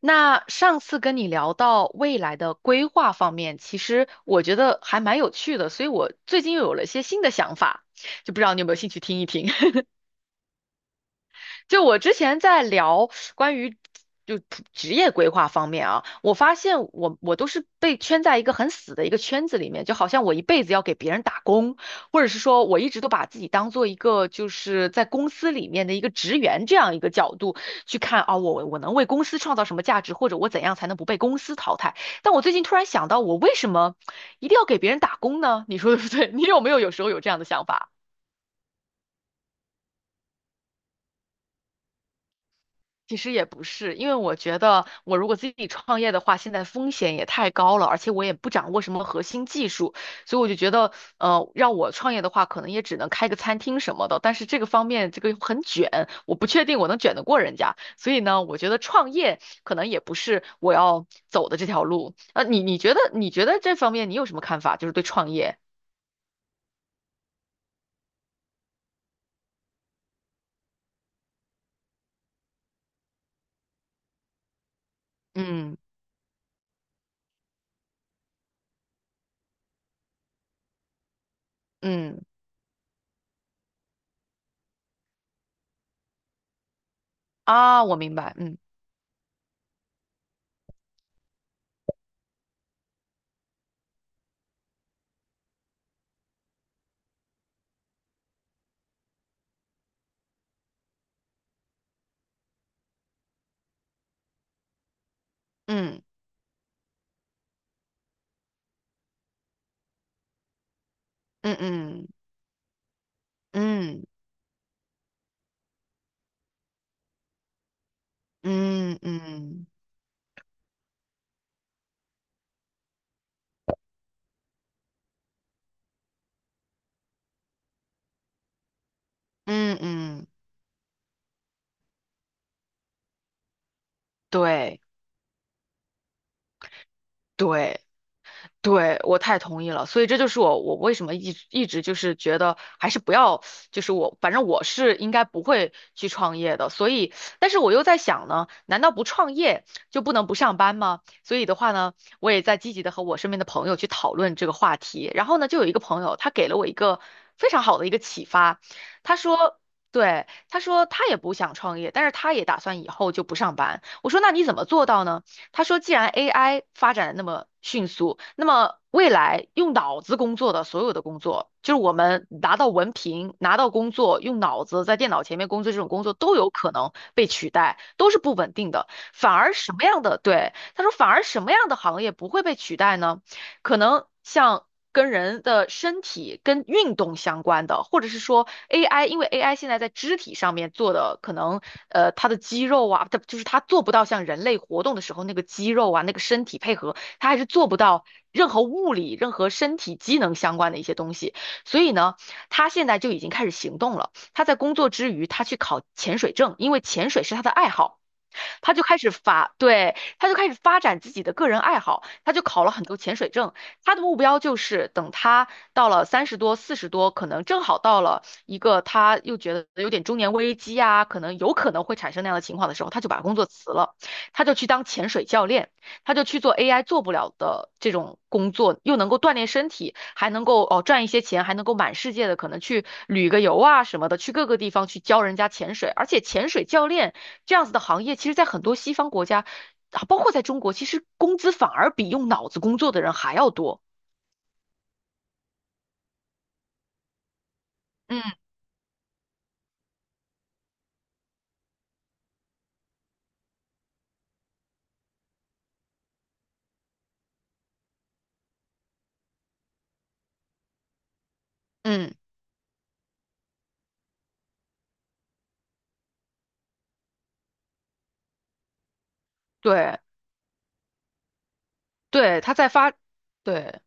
那上次跟你聊到未来的规划方面，其实我觉得还蛮有趣的，所以我最近又有了一些新的想法，就不知道你有没有兴趣听一听。就我之前在聊关于就普职业规划方面啊，我发现我都是被圈在一个很死的一个圈子里面，就好像我一辈子要给别人打工，或者是说我一直都把自己当做一个就是在公司里面的一个职员这样一个角度去看啊，我能为公司创造什么价值，或者我怎样才能不被公司淘汰。但我最近突然想到，我为什么一定要给别人打工呢？你说对不对？你有没有有时候有这样的想法？其实也不是，因为我觉得我如果自己创业的话，现在风险也太高了，而且我也不掌握什么核心技术，所以我就觉得，让我创业的话，可能也只能开个餐厅什么的。但是这个方面，这个很卷，我不确定我能卷得过人家。所以呢，我觉得创业可能也不是我要走的这条路。你觉得这方面你有什么看法？就是对创业，嗯嗯啊，我明白，嗯嗯嗯嗯嗯嗯嗯。嗯嗯嗯，对对对，我太同意了，所以这就是我为什么一直就是觉得还是不要，就是我反正我是应该不会去创业的，所以但是我又在想呢，难道不创业就不能不上班吗？所以的话呢，我也在积极的和我身边的朋友去讨论这个话题，然后呢，就有一个朋友他给了我一个非常好的一个启发，他说。对，他说他也不想创业，但是他也打算以后就不上班。我说那你怎么做到呢？他说，既然 AI 发展得那么迅速，那么未来用脑子工作的所有的工作，就是我们拿到文凭、拿到工作，用脑子在电脑前面工作这种工作都有可能被取代，都是不稳定的。反而什么样的，对，他说，反而什么样的行业不会被取代呢？可能像跟人的身体、跟运动相关的，或者是说 AI，因为 AI 现在在肢体上面做的，可能它的肌肉啊，它就是它做不到像人类活动的时候那个肌肉啊、那个身体配合，它还是做不到任何物理、任何身体机能相关的一些东西。所以呢，他现在就已经开始行动了。他在工作之余，他去考潜水证，因为潜水是他的爱好。他就开始发，对，他就开始发展自己的个人爱好，他就考了很多潜水证，他的目标就是等他到了三十多、四十多，可能正好到了一个他又觉得有点中年危机啊，可能有可能会产生那样的情况的时候，他就把工作辞了，他就去当潜水教练，他就去做 AI 做不了的这种工作，又能够锻炼身体，还能够哦赚一些钱，还能够满世界的可能去旅个游啊什么的，去各个地方去教人家潜水，而且潜水教练这样子的行业，其实在很多西方国家。啊，包括在中国，其实工资反而比用脑子工作的人还要多。嗯嗯，对对，他在发，对。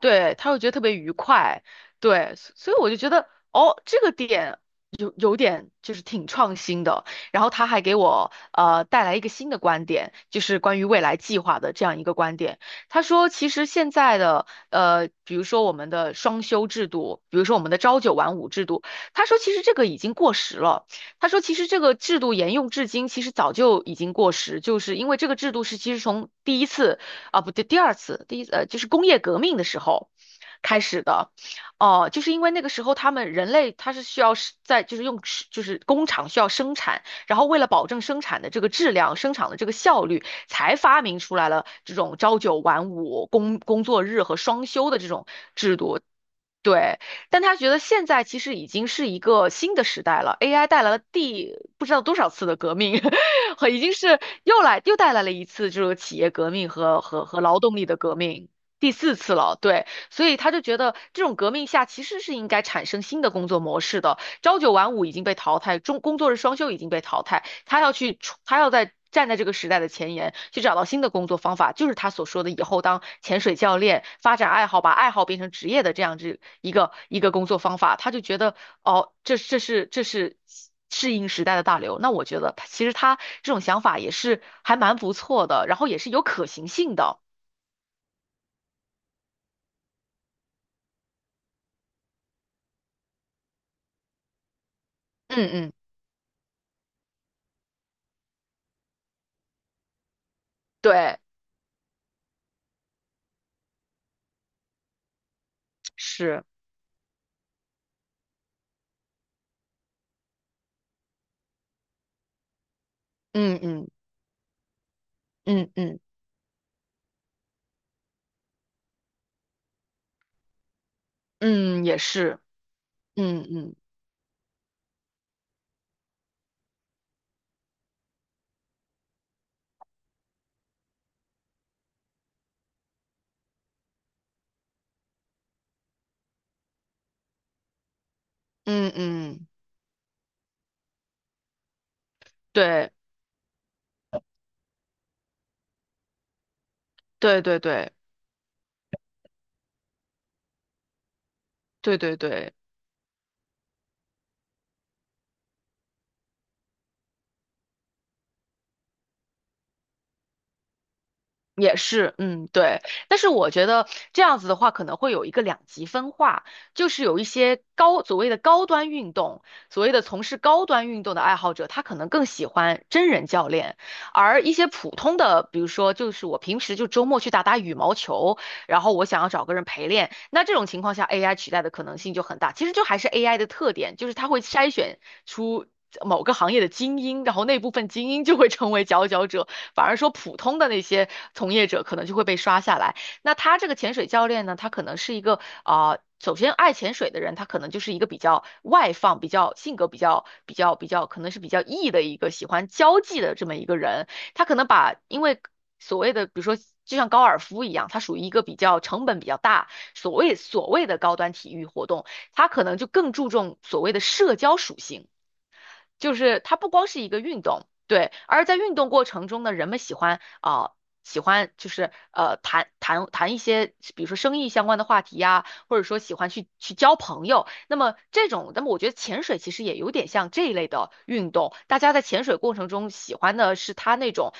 对，他会觉得特别愉快，对，所所以我就觉得，哦，这个点有点就是挺创新的。然后他还给我带来一个新的观点，就是关于未来计划的这样一个观点。他说，其实现在的比如说我们的双休制度，比如说我们的朝九晚五制度，他说其实这个已经过时了。他说，其实这个制度沿用至今，其实早就已经过时，就是因为这个制度是其实从第一次。啊，不对，第二次，第一就是工业革命的时候开始的，哦、就是因为那个时候他们人类他是需要是在就是用是就是工厂需要生产，然后为了保证生产的这个质量、生产的这个效率，才发明出来了这种朝九晚五、工作日和双休的这种制度。对，但他觉得现在其实已经是一个新的时代了，AI 带来了第不知道多少次的革命，和已经是又来又带来了一次这个企业革命和劳动力的革命，第四次了。对，所以他就觉得这种革命下其实是应该产生新的工作模式的，朝九晚五已经被淘汰，中工作日双休已经被淘汰，他要去出他要在站在这个时代的前沿，去找到新的工作方法，就是他所说的以后当潜水教练，发展爱好，把爱好变成职业的这样子一个工作方法。他就觉得，哦，这是适应时代的大流。那我觉得他其实他这种想法也是还蛮不错的，然后也是有可行性的。嗯嗯，对，是，嗯嗯嗯嗯嗯，也是，嗯嗯嗯嗯，对对对对对对对。也是，嗯，对，但是我觉得这样子的话，可能会有一个两极分化，就是有一些高，所谓的高端运动，所谓的从事高端运动的爱好者，他可能更喜欢真人教练，而一些普通的，比如说就是我平时就周末去打打羽毛球，然后我想要找个人陪练，那这种情况下 AI 取代的可能性就很大。其实就还是 AI 的特点，就是它会筛选出。某个行业的精英，然后那部分精英就会成为佼佼者，反而说普通的那些从业者可能就会被刷下来。那他这个潜水教练呢，他可能是一个啊、呃首先爱潜水的人，他可能就是一个比较外放、比较性格比较，可能是比较 E 的一个喜欢交际的这么一个人。他可能把因为所谓的，比如说就像高尔夫一样，它属于一个比较成本比较大，所谓的高端体育活动，它可能就更注重所谓的社交属性。就是它不光是一个运动，对，而在运动过程中呢，人们喜欢啊、喜欢就是谈一些，比如说生意相关的话题呀、或者说喜欢去交朋友。那么这种，那么我觉得潜水其实也有点像这一类的运动，大家在潜水过程中喜欢的是他那种。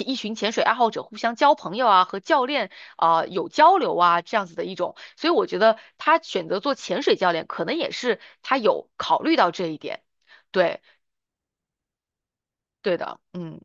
一群潜水爱好者互相交朋友啊，和教练啊、有交流啊，这样子的一种，所以我觉得他选择做潜水教练，可能也是他有考虑到这一点。对，对的，嗯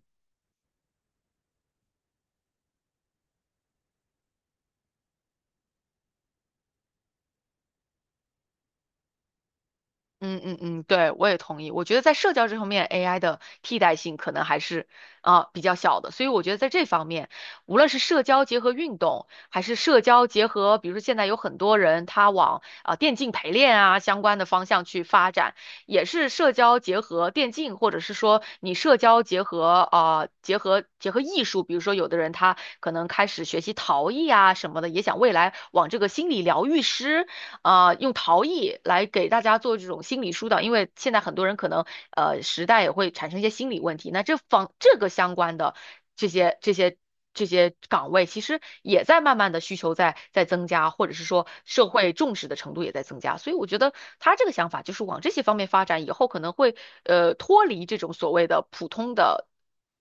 嗯嗯嗯，对，我也同意。我觉得在社交这方面，AI 的替代性可能还是比较小的，所以我觉得在这方面，无论是社交结合运动，还是社交结合，比如说现在有很多人他往电竞陪练啊相关的方向去发展，也是社交结合电竞，或者是说你社交结合结合艺术，比如说有的人他可能开始学习陶艺啊什么的，也想未来往这个心理疗愈师。用陶艺来给大家做这种心理疏导，因为现在很多人可能时代也会产生一些心理问题，那这方这个相关的这些这些这些岗位，其实也在慢慢的需求在增加，或者是说社会重视的程度也在增加，所以我觉得他这个想法就是往这些方面发展，以后可能会脱离这种所谓的普通的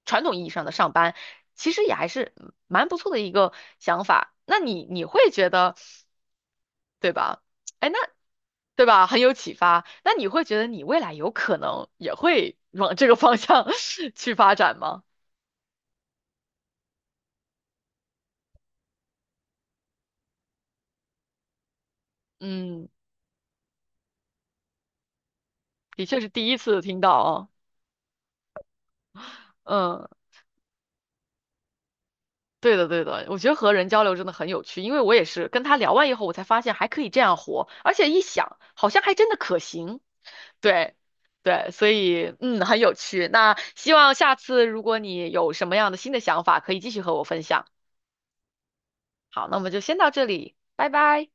传统意义上的上班，其实也还是蛮不错的一个想法。那你会觉得对吧？哎，那对吧？很有启发。那你会觉得你未来有可能也会往这个方向 去发展吗？嗯，的确是第一次听到啊。嗯，对的，对的，我觉得和人交流真的很有趣，因为我也是跟他聊完以后，我才发现还可以这样活，而且一想，好像还真的可行。对，对，所以嗯，很有趣。那希望下次如果你有什么样的新的想法，可以继续和我分享。好，那我们就先到这里，拜拜。